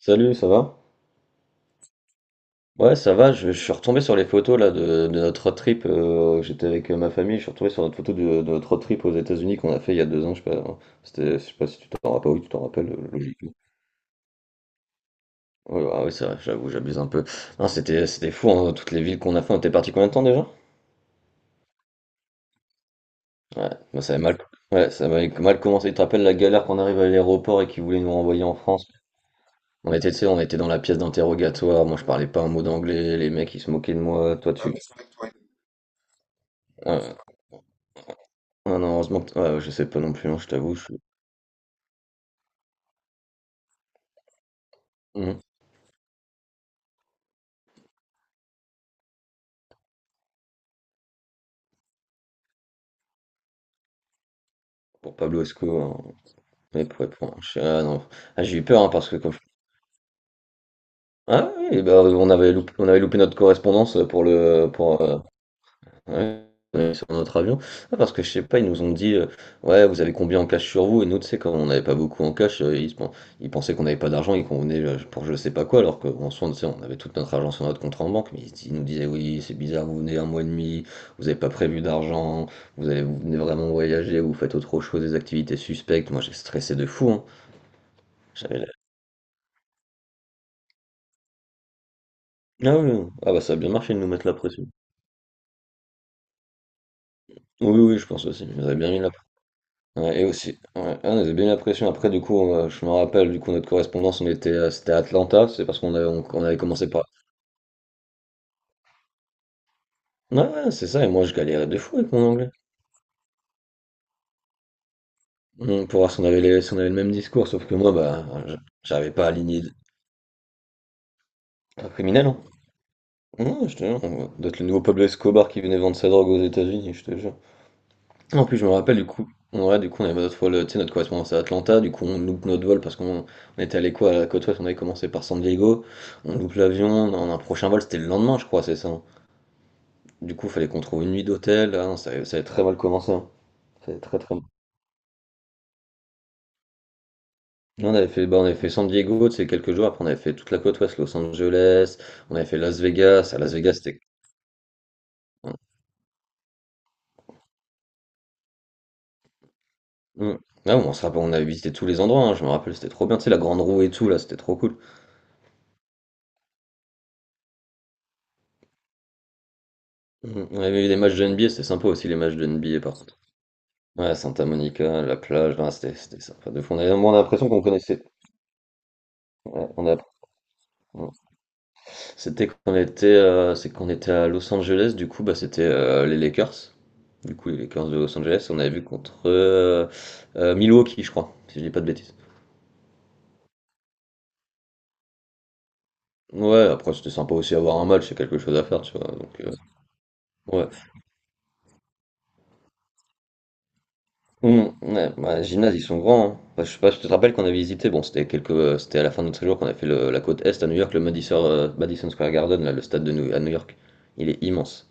Salut, ça va? Ouais, ça va, je suis retombé sur les photos là de notre road trip. J'étais avec ma famille, je suis retombé sur notre photo de notre road trip aux États-Unis qu'on a fait il y a 2 ans. Je sais pas, hein. C'était, je sais pas si tu t'en rappelles, oui, tu t'en rappelles, logiquement. Ouais, ah oui, c'est vrai, j'avoue, j'abuse un peu. Non, c'était fou, hein, toutes les villes qu'on a fait. On était parti combien de temps déjà? Ouais, moi, ça avait mal, ouais, ça avait mal commencé. Tu te rappelles la galère qu'on arrive à l'aéroport et qu'ils voulaient nous renvoyer en France? On était, tu sais, on était dans la pièce d'interrogatoire. Moi, je parlais pas un mot d'anglais. Les mecs, ils se moquaient de moi. Toi, tu. Ouais. Ah non, heureusement que ouais, je sais pas non plus, hein, je t'avoue, je mmh mh. Pour Pablo Esco, hein, mais pour ah non. Ah j'ai eu peur, hein, parce que quand je ah oui, bah, on avait loupé notre correspondance, pour le pour, ouais, ouais, sur notre avion. Ah, parce que je sais pas, ils nous ont dit, ouais, vous avez combien en cash sur vous? Et nous, tu sais, comme on n'avait pas beaucoup en cash, ils, ils pensaient qu'on n'avait pas d'argent et qu'on venait pour je sais pas quoi, alors qu'en soi, tu sais, on avait toute notre argent sur notre compte en banque. Mais ils nous disaient, oui, c'est bizarre, vous venez 1 mois et demi, vous n'avez pas prévu d'argent, vous allez, vous venez vraiment voyager, vous faites autre chose, des activités suspectes. Moi, j'ai stressé de fou, hein. J'avais la- Ah oui, oui. Ah bah ça a bien marché de nous mettre la pression. Oui, oui, je pense aussi. Ils nous avaient bien mis la ouais, et aussi, ouais. Ah, on avait bien l'impression. Après, du coup, on, je me rappelle, du coup, notre correspondance, on était, c'était à Atlanta. C'est parce qu'on avait, on avait commencé par. Ouais, ouais, c'est ça. Et moi, je galérais de fou avec mon anglais. Mm, pour voir si on avait les, si on avait le même discours. Sauf que moi, bah, j'arrivais pas à aligner un criminel. Hein. Non, je te jure. D'être le nouveau Pablo Escobar qui venait vendre sa drogue aux États-Unis, je te jure. En plus, je me rappelle du coup, on ouais, du coup, on avait notre vol, tu sais, notre correspondance à Atlanta, du coup, on loupe notre vol parce qu'on on était allé quoi à la côte ouest, on avait commencé par San Diego, on loupe l'avion, on a un prochain vol, c'était le lendemain, je crois, c'est ça. Hein. Du coup, fallait qu'on trouve une nuit d'hôtel, ah non, ça avait très mal commencé, hein. Ça avait très très mal. Là, on avait fait, bah, on avait fait San Diego, tu sais, quelques jours, après on avait fait toute la côte ouest, Los Angeles, on avait fait Las Vegas, à Las Vegas, c'était. Mm. Ah, on se rappelle, on avait visité tous les endroits, hein, je me rappelle, c'était trop bien, tu sais, la grande roue et tout, là, c'était trop cool. Mm. On avait vu des matchs de NBA, c'était sympa aussi les matchs de NBA par ouais, Santa Monica, la plage, non, c'était sympa. De fou. On a l'impression qu'on connaissait. Ouais, on a... ouais. C'est qu'on était à Los Angeles, du coup, bah, c'était les Lakers. Du coup, les Lakers de Los Angeles, on avait vu contre Milwaukee, je crois, si je dis pas de bêtises. Ouais, après, c'était sympa aussi avoir un match, c'est quelque chose à faire, tu vois. Donc, ouais. Ouais, ouais, gymnase, ils sont grands. Hein. Bah, je sais pas si tu te rappelles qu'on avait visité, bon, c'était à la fin de notre séjour qu'on a fait la côte Est à New York, le Madison, Madison Square Garden, là, le stade de à New York. Il est immense.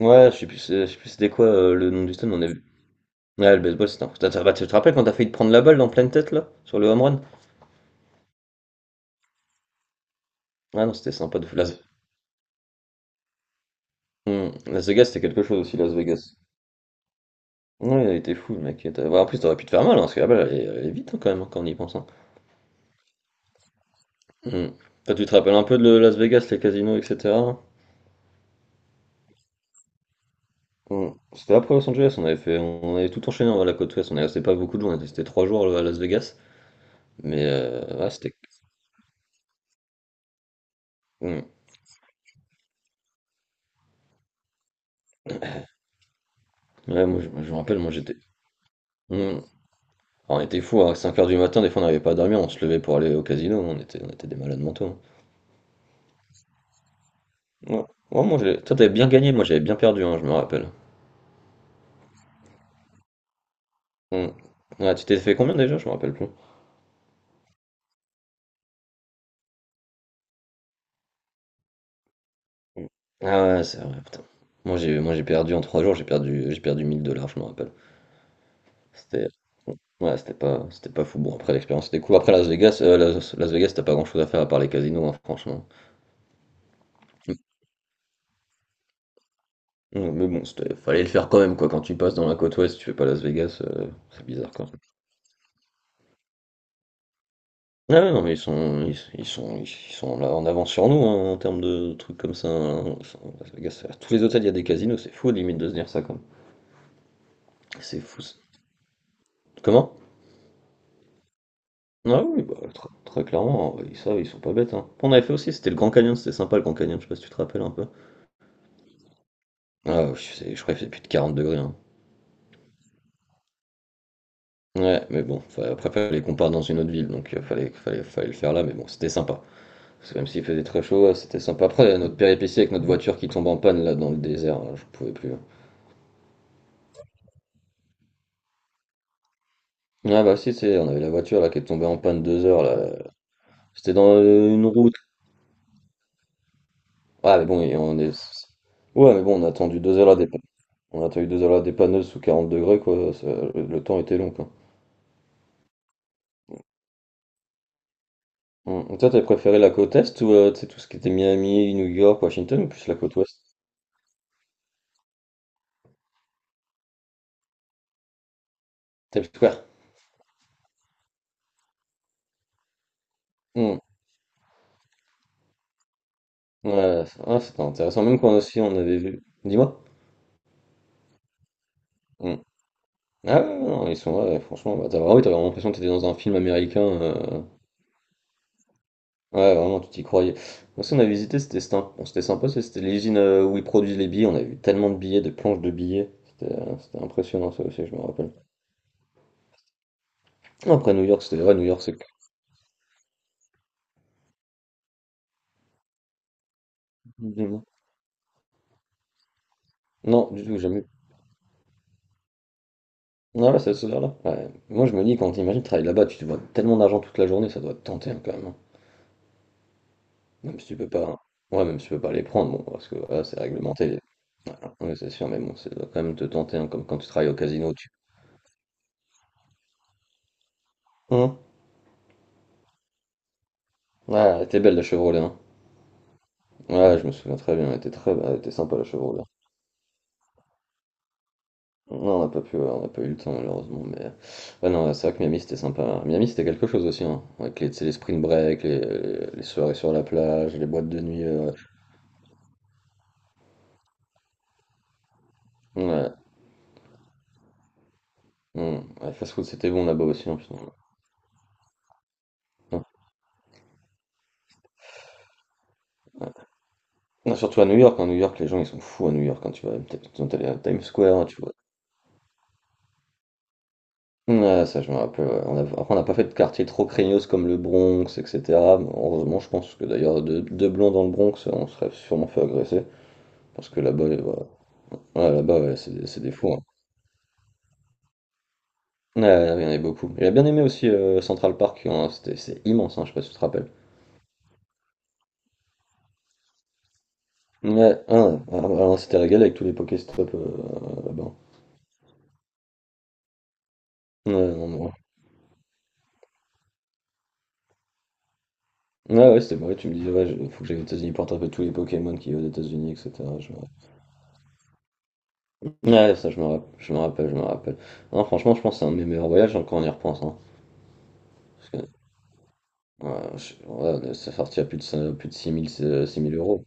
Ouais, je sais plus c'était quoi le nom du stade, mais on a vu. Ouais, le baseball, c'était un... coup. Bah, tu te rappelles quand t'as failli te prendre la balle en pleine tête, là, sur le home run? Ah non, c'était sympa de fou. Las... Las Vegas, c'était quelque chose aussi, Las Vegas. Ouais, il a été fou, le mec. Ouais, en plus, t'aurais pu te faire mal, hein, parce que la balle, elle est vite, hein, quand même, hein, quand on y pense. Hein. Hum. Toi, tu te rappelles un peu de Las Vegas, les casinos, etc. Hmm. C'était après Los Angeles, on avait fait, on avait tout enchaîné à la côte ouest, on est resté pas beaucoup de jours, on était resté 3 jours à Las Vegas, mais ouais, c'était. Hmm. Ouais, je me rappelle, moi j'étais. Hmm. Alors, on était fous, à 5 heures du matin, des fois on n'arrivait pas à dormir, on se levait pour aller au casino, on était des malades mentaux. Hein. Ouais. Ouais, toi t'avais bien gagné, moi j'avais bien perdu, hein, je me rappelle. Hmm. Ouais, tu t'es fait combien déjà? Je me rappelle plus. Hmm. Ah ouais, c'est vrai, putain. Moi j'ai perdu en 3 jours, j'ai perdu 1000 dollars, je me rappelle. C'était ouais, c'était pas fou. Bon, après l'expérience était cool. Après Las Vegas, Las Vegas, t'as pas grand-chose à faire à part les casinos, hein, franchement. Mm. Mais bon, c'était fallait le faire quand même quoi. Quand tu passes dans la côte ouest, tu fais pas Las Vegas, c'est bizarre quand même. Ah ouais, non mais ils sont là en avance sur nous hein, en termes de trucs comme ça. Hein. Ils sont- Las Vegas, à tous les hôtels il y a des casinos, c'est fou limite de se dire ça comme. C'est fou. Ça. Comment? Ah oui, bah, très, clairement, ils savent, ils sont pas bêtes. Hein. On avait fait aussi, c'était le Grand Canyon, c'était sympa le Grand Canyon, je sais pas si tu te rappelles un peu. Ah, ouais, je crois qu'il faisait plus de 40 degrés. Hein. Ouais, mais bon, enfin, après, fallait qu'on parte dans une autre ville, donc fallait le faire là, mais bon, c'était sympa. Parce que même s'il faisait très chaud, c'était sympa. Après, notre péripétie avec notre voiture qui tombe en panne là dans le désert, là, je pouvais plus. Hein. Ah bah si, c'est, on avait la voiture là qui est tombée en panne 2 heures là. C'était dans une route. Ah mais bon, et on est. Ouais, mais bon, on a attendu deux heures là des panneuses sous 40 degrés quoi. Ça- le temps était long quoi. Hum. Toi, t'avais préféré la côte est ou tu sais, tout ce qui était Miami, New York, Washington ou plus la côte ouest? T'as vu quoi? Hmm. Ouais, ouais, c'est- ah, c'était intéressant. Même quand aussi on avait vu. Dis-moi. Hmm. Ah ouais, ouais, non, ils sont ouais, franchement, bah, t'as vraiment, oui, t'as vraiment l'impression que t'étais dans un film américain. Ouais, vraiment, tu t'y croyais. Moi, ce qu'on a visité, c'était sympa, c'était l'usine où ils produisent les billets. On a vu tellement de billets, de planches de billets. C'était impressionnant, ça aussi, je me rappelle. Après, New York, c'était. Ouais, New York, c'est. Que- Dis-moi. Non, du tout, jamais. Non, là, c'est ce là ouais. Moi, je me dis, quand t'imagines travailler là-bas, tu te vois tellement d'argent toute la journée, ça doit te tenter hein, quand même. Hein. Même si tu peux pas. Ouais, même si tu peux pas les prendre, bon, parce que voilà, c'est réglementé. Voilà. Ouais, c'est sûr, mais bon, ça doit quand même te tenter, hein, comme quand tu travailles au casino, tu. Hein. Ouais, elle était belle la Chevrolet, hein. Ouais, je me souviens très bien, elle était très elle était sympa la Chevrolet. Non, on n'a pas pu, on n'a pas eu le temps malheureusement, mais. Ouais, non, c'est vrai que Miami c'était sympa. Miami c'était quelque chose aussi, hein. Avec les, tu sais, les spring break, les soirées sur la plage, les boîtes de nuit. Ouais, ouais, Ouais, fast food c'était bon là-bas aussi, hein, putain. Non, surtout à New York, hein. New York, les gens ils sont fous à New York quand tu vas peut-être quand à Times Square, hein, tu vois. Ouais, ça je me rappelle, ouais. Après on n'a pas fait de quartier trop craignos comme le Bronx, etc. Mais heureusement, je pense que d'ailleurs deux blonds dans le Bronx, on serait sûrement fait agresser. Parce que là-bas, voilà. Ouais, là-bas ouais, c'est des fous, hein. Ouais, ouais, il y en avait beaucoup. J'ai bien aimé aussi Central Park, hein, c'est immense, hein, je sais pas si tu te rappelles. Ouais, ouais, on s'était régalé avec tous les Pokéstops là-bas. Ouais, non, non. Ah ouais, c'était vrai, tu me disais, ouais, faut que j'aille aux États-Unis pour attraper tous les Pokémon qui vivent aux États-Unis, etc. Je me rappelle. Ouais, ça, je me rappelle, je me rappelle, je me rappelle. Non, franchement, je pense que c'est un de mes meilleurs voyages, hein, quand on y repense. Hein, parce que, ouais, ouais, ça sortit à plus de 6000 6000 euros.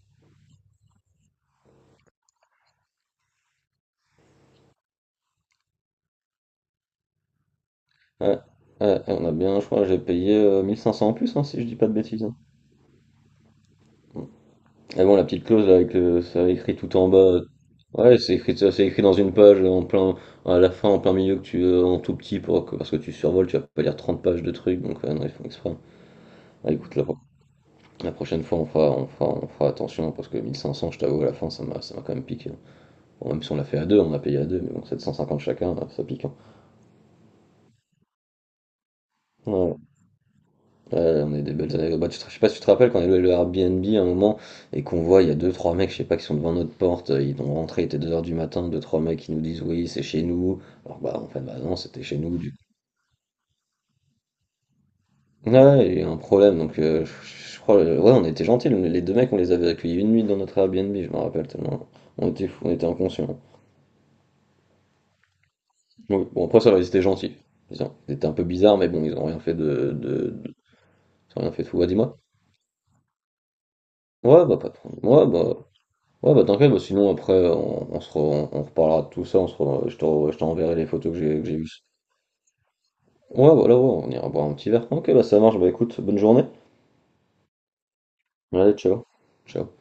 Ouais, ouais, ouais, on a bien, je crois, j'ai payé 1500 en plus, hein, si je dis pas de bêtises, hein. Et bon, la petite clause, là, avec le, ça écrit tout en bas, ouais, c'est écrit, ça, c'est écrit dans une page, en plein, à la fin, en plein milieu, que tu, en tout petit, parce que tu survoles, tu vas pas lire 30 pages de trucs, donc, ouais, non, ils font exprès, hein. Ah, écoute, la prochaine fois, on fera attention, parce que 1500, je t'avoue, à la fin, ça m'a quand même piqué, hein. Bon, même si on l'a fait à deux, on a payé à deux, mais bon, 750 chacun, ça pique, hein. Ouais, ouais, on est des belles années. Bah, je sais pas si tu te rappelles, quand on est allé au Airbnb à un moment, et qu'on voit, il y a deux, trois mecs, je sais pas, qui sont devant notre porte, ils ont rentré, il était 2 heures du matin, deux, trois mecs qui nous disent, oui, c'est chez nous. Alors, bah, en fait, bah non, c'était chez nous, du coup. Ouais, il y a un problème, donc je crois, ouais, on était gentils, les deux mecs, on les avait accueillis une nuit dans notre Airbnb, je me rappelle tellement. On était fous, on était inconscients. Oui, bon, après, ça va, ils étaient gentils. Ils étaient un peu bizarres, mais bon, ils ont rien fait de fou. Ouais, dis-moi. Ouais, bah, pas de problème. Ouais, bah, t'inquiète, bah, sinon, après, on reparlera de tout ça. Je t'enverrai les photos que j'ai vues. Ouais, voilà, ouais, on ira boire un petit verre. Ok, bah, ça marche. Bah, écoute, bonne journée. Allez, ciao. Ciao.